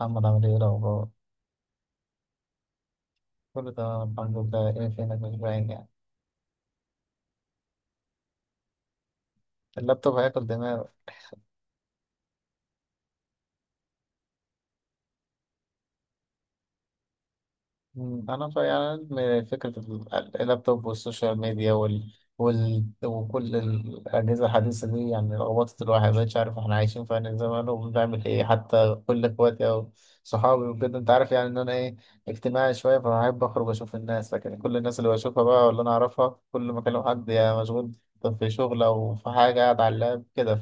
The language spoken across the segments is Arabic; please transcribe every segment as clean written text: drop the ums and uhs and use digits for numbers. محمد، عامل ايه الأخبار؟ كله تمام الحمد لله. ايه فينك؟ مش باين يعني. اللابتوب هياكل دماغك. أنا من فكرة اللابتوب والسوشيال ميديا وكل الأجهزة الحديثة دي يعني لخبطت الواحد، مبقتش عارف احنا عايشين في أنهي زمان وبنعمل ايه. حتى كل اخواتي أو صحابي وكده، أنت عارف يعني إن أنا ايه، اجتماعي شوية، فبحب أخرج أشوف الناس. لكن كل الناس اللي بشوفها بقى، واللي أنا أعرفها، كل ما أكلم حد، يا مشغول في شغل أو في حاجة، قاعد على اللاب كده.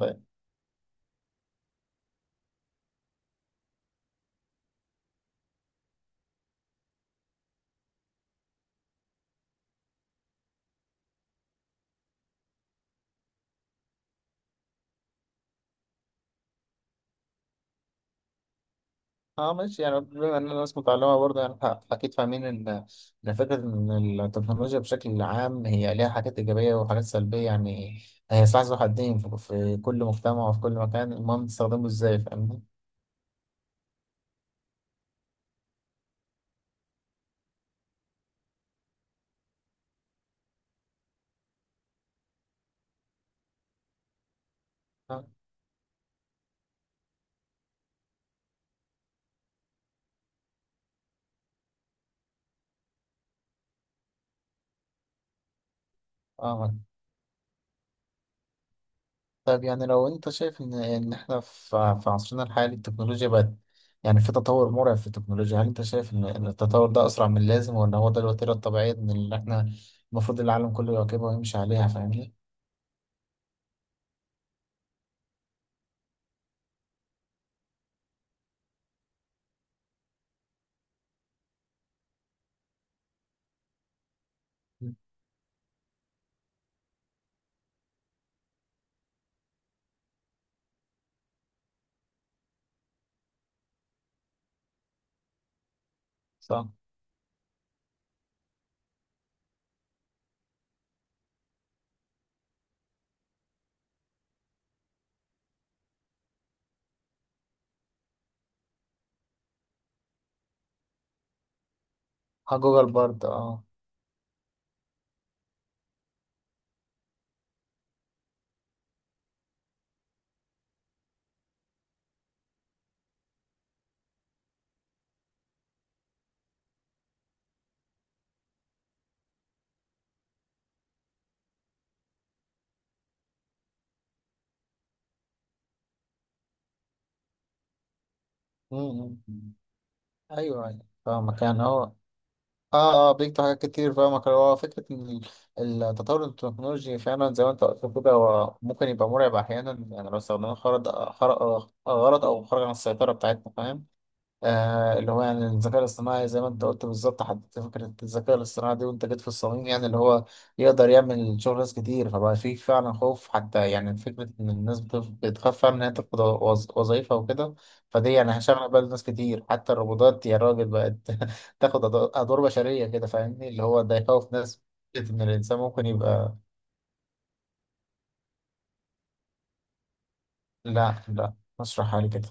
اه ماشي. يعني بما ان الناس متعلمه برضه، يعني اكيد فاهمين ان فكره ان التكنولوجيا بشكل عام هي ليها حاجات ايجابيه وحاجات سلبيه. يعني هي سلاح ذو حدين في كل مجتمع وفي كل مكان. المهم تستخدمه ازاي، فاهمني؟ اه. آه. طيب، يعني لو انت شايف ان احنا في عصرنا الحالي التكنولوجيا بقت يعني في تطور مرعب في التكنولوجيا، هل انت شايف إن التطور ده اسرع من اللازم، ولا هو ده الوتيره الطبيعيه من اللي احنا المفروض العالم كله يواكبها ويمشي عليها، فاهمني؟ صح. ها، جوجل برضه، اه. مم. ايوه ايوه، فاهمك يعني هو. اه بيكتب حاجات كتير، فاهمك. هو فكره ان التطور التكنولوجي فعلا، زي ما انت قلت كده، هو ممكن يبقى مرعب احيانا، يعني لو استخدمناه خرط خرق غلط او خرج عن السيطره بتاعتنا، فاهم؟ آه، اللي هو يعني الذكاء الاصطناعي، زي ما انت قلت بالظبط، حددت فكرة الذكاء الاصطناعي دي وانت جيت في الصميم، يعني اللي هو يقدر يعمل شغل ناس كتير. فبقى في فعلا خوف، حتى يعني فكرة ان الناس بتخاف فعلا ان هي تفقد وظايفها وكده. فدي يعني هشغل بال ناس كتير. حتى الروبوتات، يا راجل، بقت تاخد ادوار بشرية كده، فاهمني؟ اللي هو ده يخوف ناس. فكرة ان الانسان ممكن يبقى. لا لا، مش حالي كده.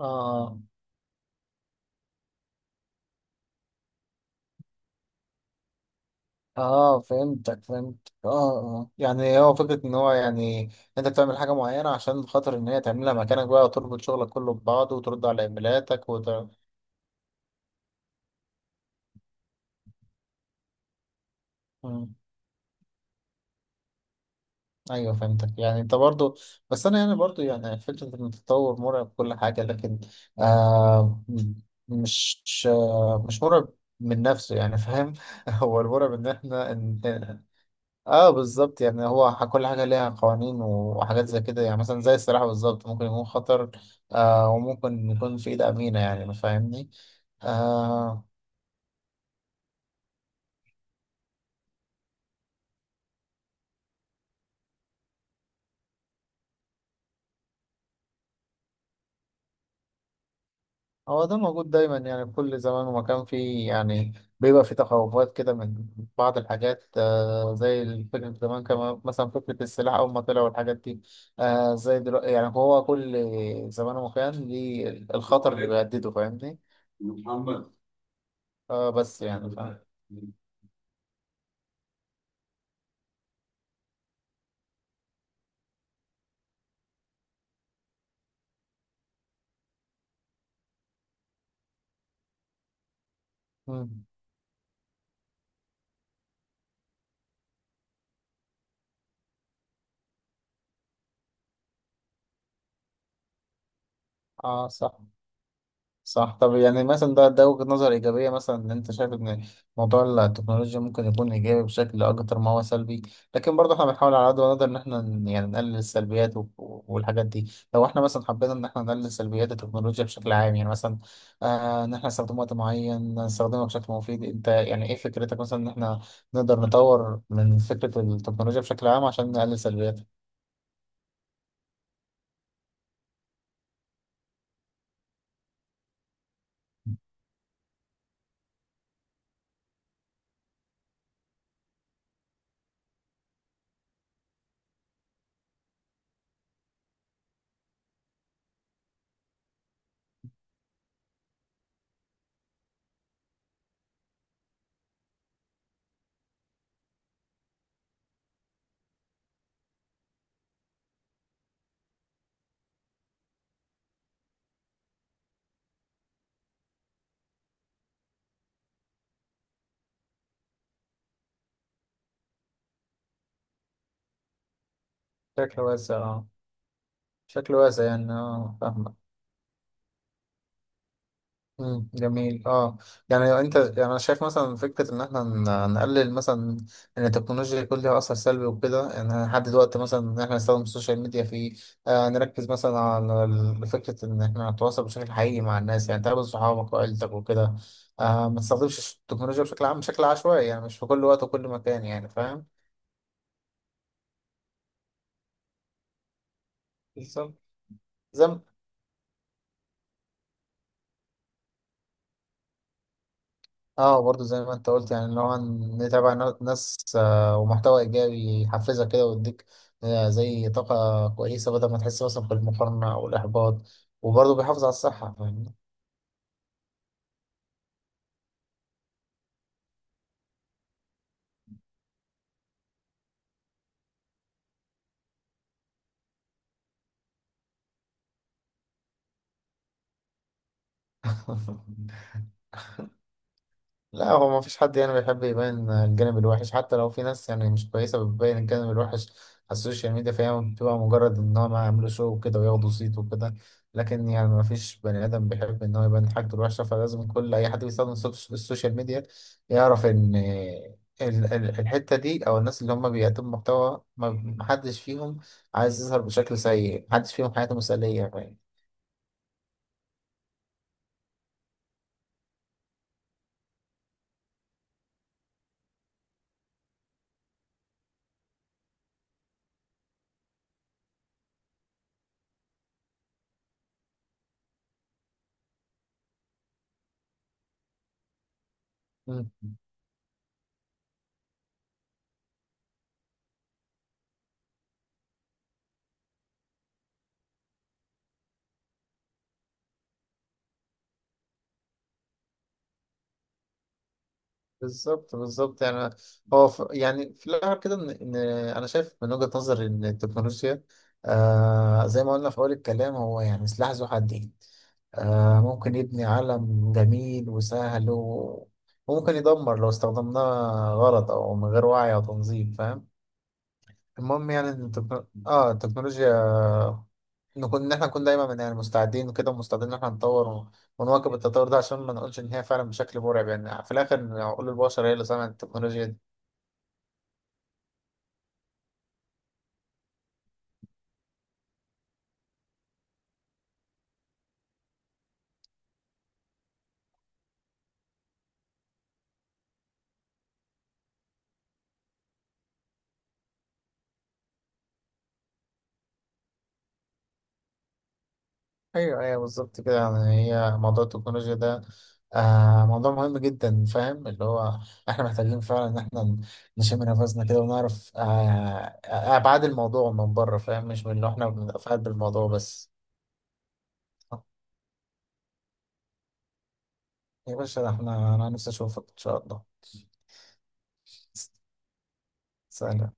آه، اه، فهمتك فهمت اه. اه يعني هو فكرة ان هو يعني، انت بتعمل حاجة معينة عشان خاطر ان هي تعملها مكانك بقى، وتربط شغلك كله ببعضه وترد على ايميلاتك وت... مم. ايوه، فهمتك يعني انت برضو. بس انا يعني برضو، يعني فكرة ان التطور مرعب كل حاجة. لكن آه م- مش مش مرعب من نفسه، يعني فاهم؟ هو المرعب ان احنا اه بالظبط. يعني هو كل حاجة ليها قوانين وحاجات زي كده، يعني مثلا زي السلاح بالظبط، ممكن يكون خطر آه، وممكن يكون في إيد أمينة، يعني ما فاهمني؟ آه. هو ده موجود دايما، يعني في كل زمان ومكان فيه، يعني بيبقى فيه تخوفات كده من بعض الحاجات. آه، زي فكرة زمان كمان، مثلا فكرة السلاح أول ما طلع والحاجات دي. آه، زي دلوقتي. يعني هو كل زمان ومكان ليه الخطر اللي بيهدده، فاهمني؟ آه، بس يعني فاهم. مم. اه صح. صح. طب يعني مثلا ده وجهة نظر إيجابية، مثلا إن أنت شايف إن موضوع التكنولوجيا ممكن يكون إيجابي بشكل أكتر ما هو سلبي. لكن برضه إحنا بنحاول على قد ما نقدر إن إحنا يعني نقلل السلبيات والحاجات دي. لو إحنا مثلا حبينا إن إحنا نقلل سلبيات التكنولوجيا بشكل عام، يعني مثلا آه إن إحنا نستخدمه وقت معين، نستخدمه بشكل مفيد. أنت يعني إيه فكرتك مثلا إن إحنا نقدر نطور من فكرة التكنولوجيا بشكل عام عشان نقلل سلبياتها بشكل واسع؟ آه، بشكل واسع، يعني آه، فاهمك. مم، جميل. اه، يعني انت يعني انا شايف مثلا فكره ان احنا نقلل مثلا ان التكنولوجيا يكون ليها اثر سلبي وكده، يعني نحدد وقت مثلا ان احنا نستخدم السوشيال ميديا فيه. آه، نركز مثلا على فكره ان احنا نتواصل بشكل حقيقي مع الناس، يعني تقابل صحابك وعيلتك وكده. آه، ما تستخدمش التكنولوجيا بشكل عام بشكل عشوائي، يعني مش في كل وقت وكل مكان، يعني فاهم؟ بالظبط، زي ما اه، برضو زي ما انت قلت يعني، اللي هو نتابع ناس ومحتوى ايجابي يحفزك كده ويديك زي طاقة كويسة، بدل ما تحس مثلا بالمقارنة او الاحباط. وبرضو بيحافظ على الصحة، فاهمني؟ لا، هو ما فيش حد يعني بيحب يبين الجانب الوحش، حتى لو في ناس يعني مش كويسة بتبين الجانب الوحش على السوشيال ميديا، فهي بتبقى مجرد ان هم يعملوا شو وكده وياخدوا صيت وكده. لكن يعني ما فيش بني ادم بيحب ان هو يبين حاجته الوحشة. فلازم كل اي حد بيستخدم السوشيال ميديا يعرف ان الحتة دي او الناس اللي هم بيقدموا محتوى ما حدش فيهم عايز يظهر بشكل سيء. محدش فيهم حياته مثالية، فاهم؟ بالظبط بالظبط. يعني هو يعني في الاخر كده إن انا شايف من وجهة نظري ان التكنولوجيا، آه زي ما قلنا في اول الكلام، هو يعني سلاح ذو حدين. آه، ممكن يبني عالم جميل وسهل و... وممكن يدمر لو استخدمناه غلط او من غير وعي او تنظيم، فاهم؟ المهم يعني ان التكنولوجيا، إن إحنا نكون دايما يعني مستعدين وكده، ومستعدين إن إحنا نطور ونواكب التطور ده، عشان ما نقولش إن هي فعلا بشكل مرعب. يعني في الآخر عقول البشر هي اللي صنعت التكنولوجيا دي. أيوه أيوه، بالظبط كده يعني. هي موضوع التكنولوجيا ده آه، موضوع مهم جدا، فاهم؟ اللي هو إحنا محتاجين فعلا إن إحنا نشم نفسنا كده ونعرف أبعاد الموضوع من بره، فاهم؟ مش من اللي إحنا بنتفاعل بالموضوع بس. يا باشا، ده إحنا، أنا نفسي أشوفك إن شاء الله. سلام.